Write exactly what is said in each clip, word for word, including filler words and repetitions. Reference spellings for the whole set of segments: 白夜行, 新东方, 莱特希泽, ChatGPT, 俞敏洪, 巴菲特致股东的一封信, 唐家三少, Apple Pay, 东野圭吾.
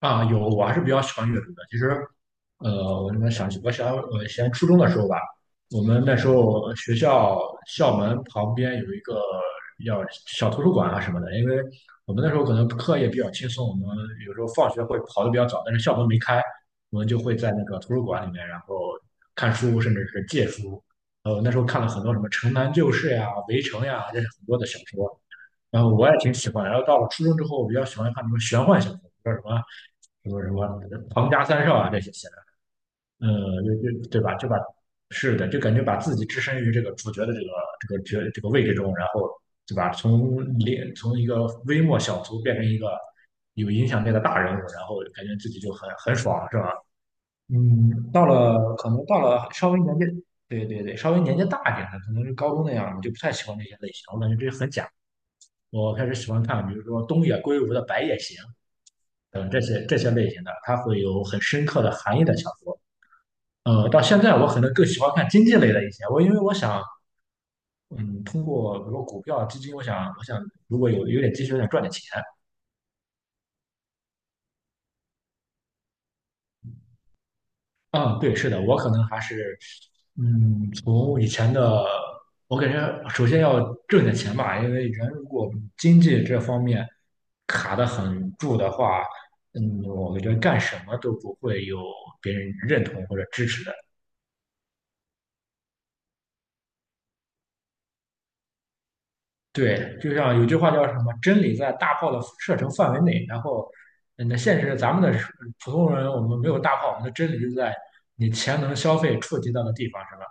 啊，有，我还是比较喜欢阅读的。其实，呃，我们想起，我想，我以前初中的时候吧，我们那时候学校校门旁边有一个叫小图书馆啊什么的，因为我们那时候可能课业比较轻松，我们有时候放学会跑得比较早，但是校门没开，我们就会在那个图书馆里面，然后看书，甚至是借书。呃，那时候看了很多什么《城南旧事》呀、《围城》呀，这是很多的小说。然后我也挺喜欢。然后到了初中之后，我比较喜欢看什么玄幻小说，叫什么什么什么《唐家三少》啊这些写的，呃，就就对吧？就把是的，就感觉把自己置身于这个主角的这个这个角这个位置中，然后对吧？从零从一个微末小卒变成一个有影响力的大人物，然后感觉自己就很很爽，是吧？嗯，到了可能到了稍微年纪，对对对，稍微年纪大一点的，可能是高中那样，我就不太喜欢这些类型，我感觉这些很假。我开始喜欢看，比如说东野圭吾的《白夜行》等这些这些类型的，它会有很深刻的含义的小说。呃，到现在我可能更喜欢看经济类的一些，我因为我想，嗯，通过比如说股票、基金，我想我想如果有有点积蓄，我想赚点钱。嗯，对，是的，我可能还是，嗯，从以前的，我感觉首先要挣点钱吧，因为人如果经济这方面卡得很住的话，嗯，我感觉干什么都不会有别人认同或者支持的。对，就像有句话叫什么，真理在大炮的射程范围内。然后，嗯，那现实咱们的普通人，我们没有大炮，我们的真理就在你钱能消费触及到的地方，是吧？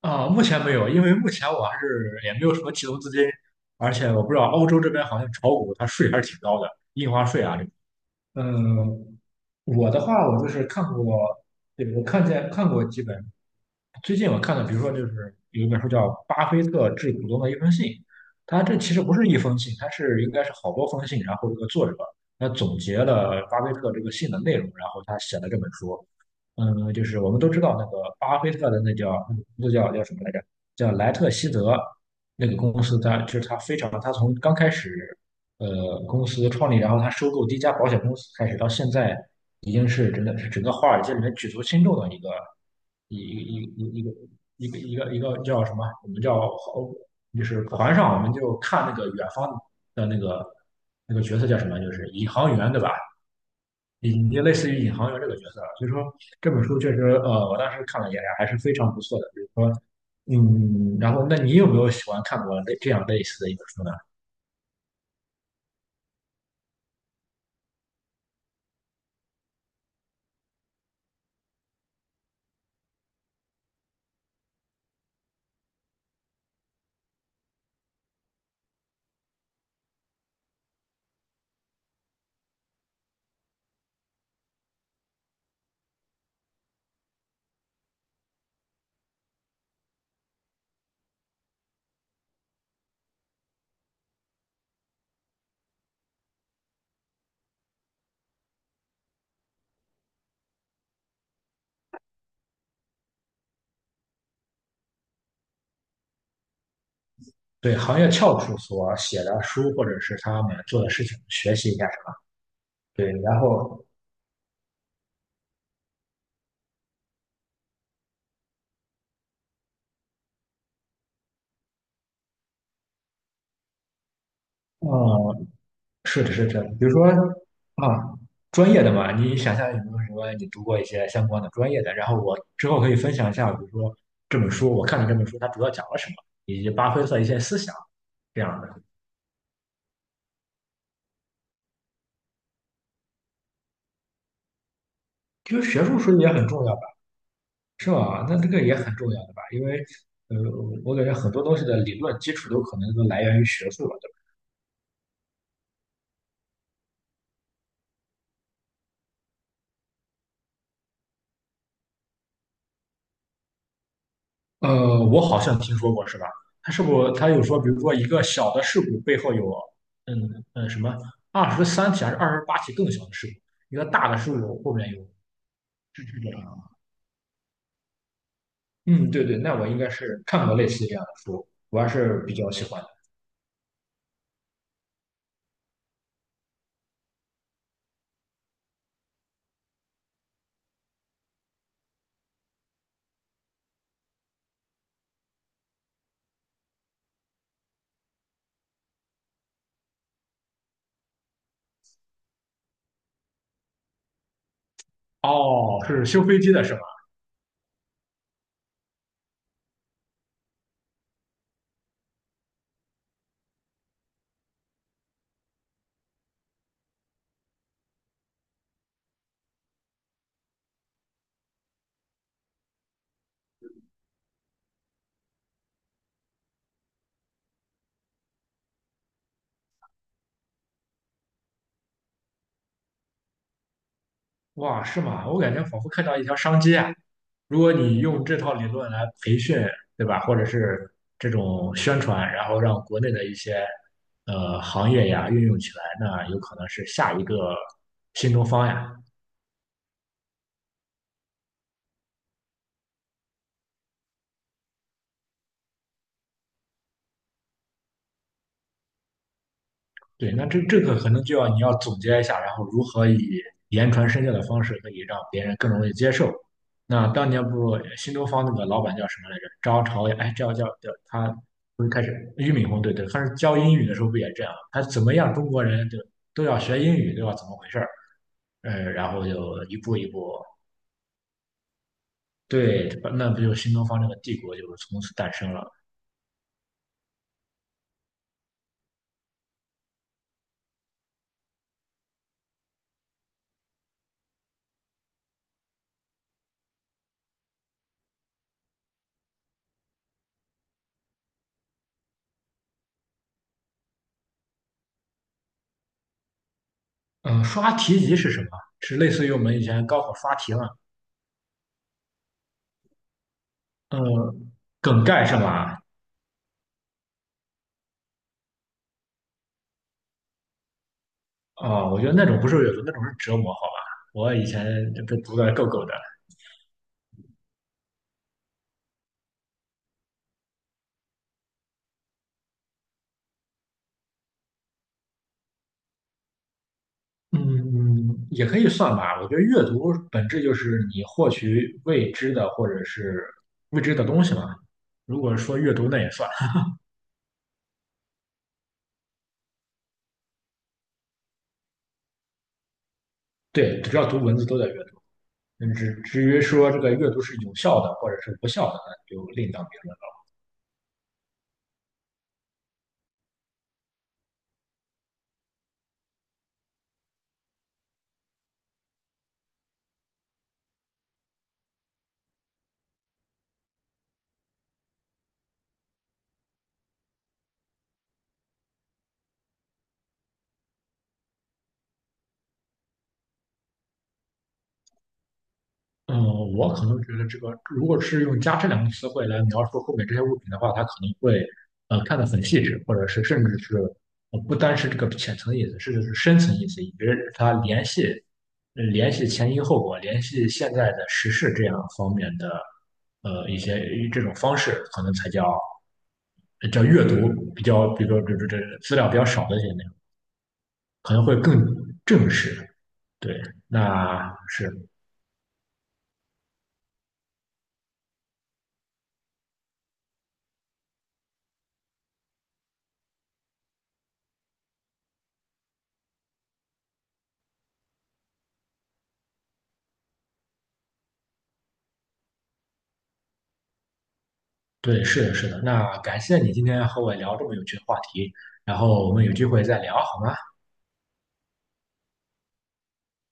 啊，目前没有，因为目前我还是也没有什么启动资金，而且我不知道欧洲这边好像炒股它税还是挺高的，印花税啊这个。嗯，我的话我就是看过，对，我看见看过几本最近我看的，比如说就是有一本书叫《巴菲特致股东的一封信》，它这其实不是一封信，它是应该是好多封信，然后这个作者他总结了巴菲特这个信的内容，然后他写了这本书。嗯，就是我们都知道那个巴菲特的那叫那叫叫什么来着？叫莱特希泽那个公司，它就是它非常，它从刚开始。呃公司创立，然后他收购第一家保险公司开始，到现在已经是真的是整个华尔街里面举足轻重的一个一一一一个一个一个一个叫什么？我们叫就是船上我们就看那个远方的那个那个角色叫什么？就是宇航员对吧？也就类似于宇航员这个角色啊，所以说这本书确实呃我当时看了也还是非常不错的，比如说。嗯，然后那你有没有喜欢看过类这样类似的一本书呢？对行业翘楚所写的书，或者是他们做的事情，学习一下什么。对，然后，嗯，是的，是的。比如说，啊，专业的嘛，你想象有没有什么你读过一些相关的专业的？然后我之后可以分享一下，比如说这本书，我看了这本书它主要讲了什么，以及巴菲特一些思想这样的。其实学术书也很重要吧，是吧？那这个也很重要的吧，因为，呃，我感觉很多东西的理论基础都可能都来源于学术吧。呃，我好像听说过，是吧？他是不，他有说，比如说一个小的事故背后有，嗯嗯，什么二十三起还是二十八起更小的事故，一个大的事故后面有支支点，是是这样。嗯，对对，那我应该是看过类似这样的书，我还是比较喜欢的。哦，是修飞机的是吧？哇，是吗？我感觉仿佛看到一条商机啊！如果你用这套理论来培训，对吧？或者是这种宣传，然后让国内的一些呃行业呀运用起来，那有可能是下一个新东方呀。对，那这这个可能就要你要总结一下，然后如何以言传身教的方式可以让别人更容易接受。那当年不新东方那个老板叫什么来着？张朝阳，哎，叫叫叫他不是开始俞敏洪对对，他是教英语的时候不也这样？他怎么样，中国人就都要学英语，对吧？怎么回事儿？呃，然后就一步一步，对，那不就新东方这个帝国就从此诞生了。嗯，刷题集是什么？是类似于我们以前高考刷题嘛？嗯，梗概是吧？啊，我觉得那种不是阅读，那种是折磨，好吧？我以前就被读的够够的。嗯，也可以算吧。我觉得阅读本质就是你获取未知的或者是未知的东西嘛。如果说阅读，那也算。对，只要读文字都在阅读。嗯，至至于说这个阅读是有效的或者是无效的，那就另当别论。嗯，我可能觉得这个，如果是用"加这两个词汇来描述后面这些物品的话，它可能会呃看得很细致，或者是甚至是呃不单是这个浅层意思，甚至是深层意思，以及它联系呃联系前因后果，联系现在的时事这样方面的呃一些这种方式，可能才叫叫阅读比较，比如说这这这资料比较少的一些内容，可能会更正式。对，那是。对，是的，是的。那感谢你今天和我聊这么有趣的话题，然后我们有机会再聊好吗？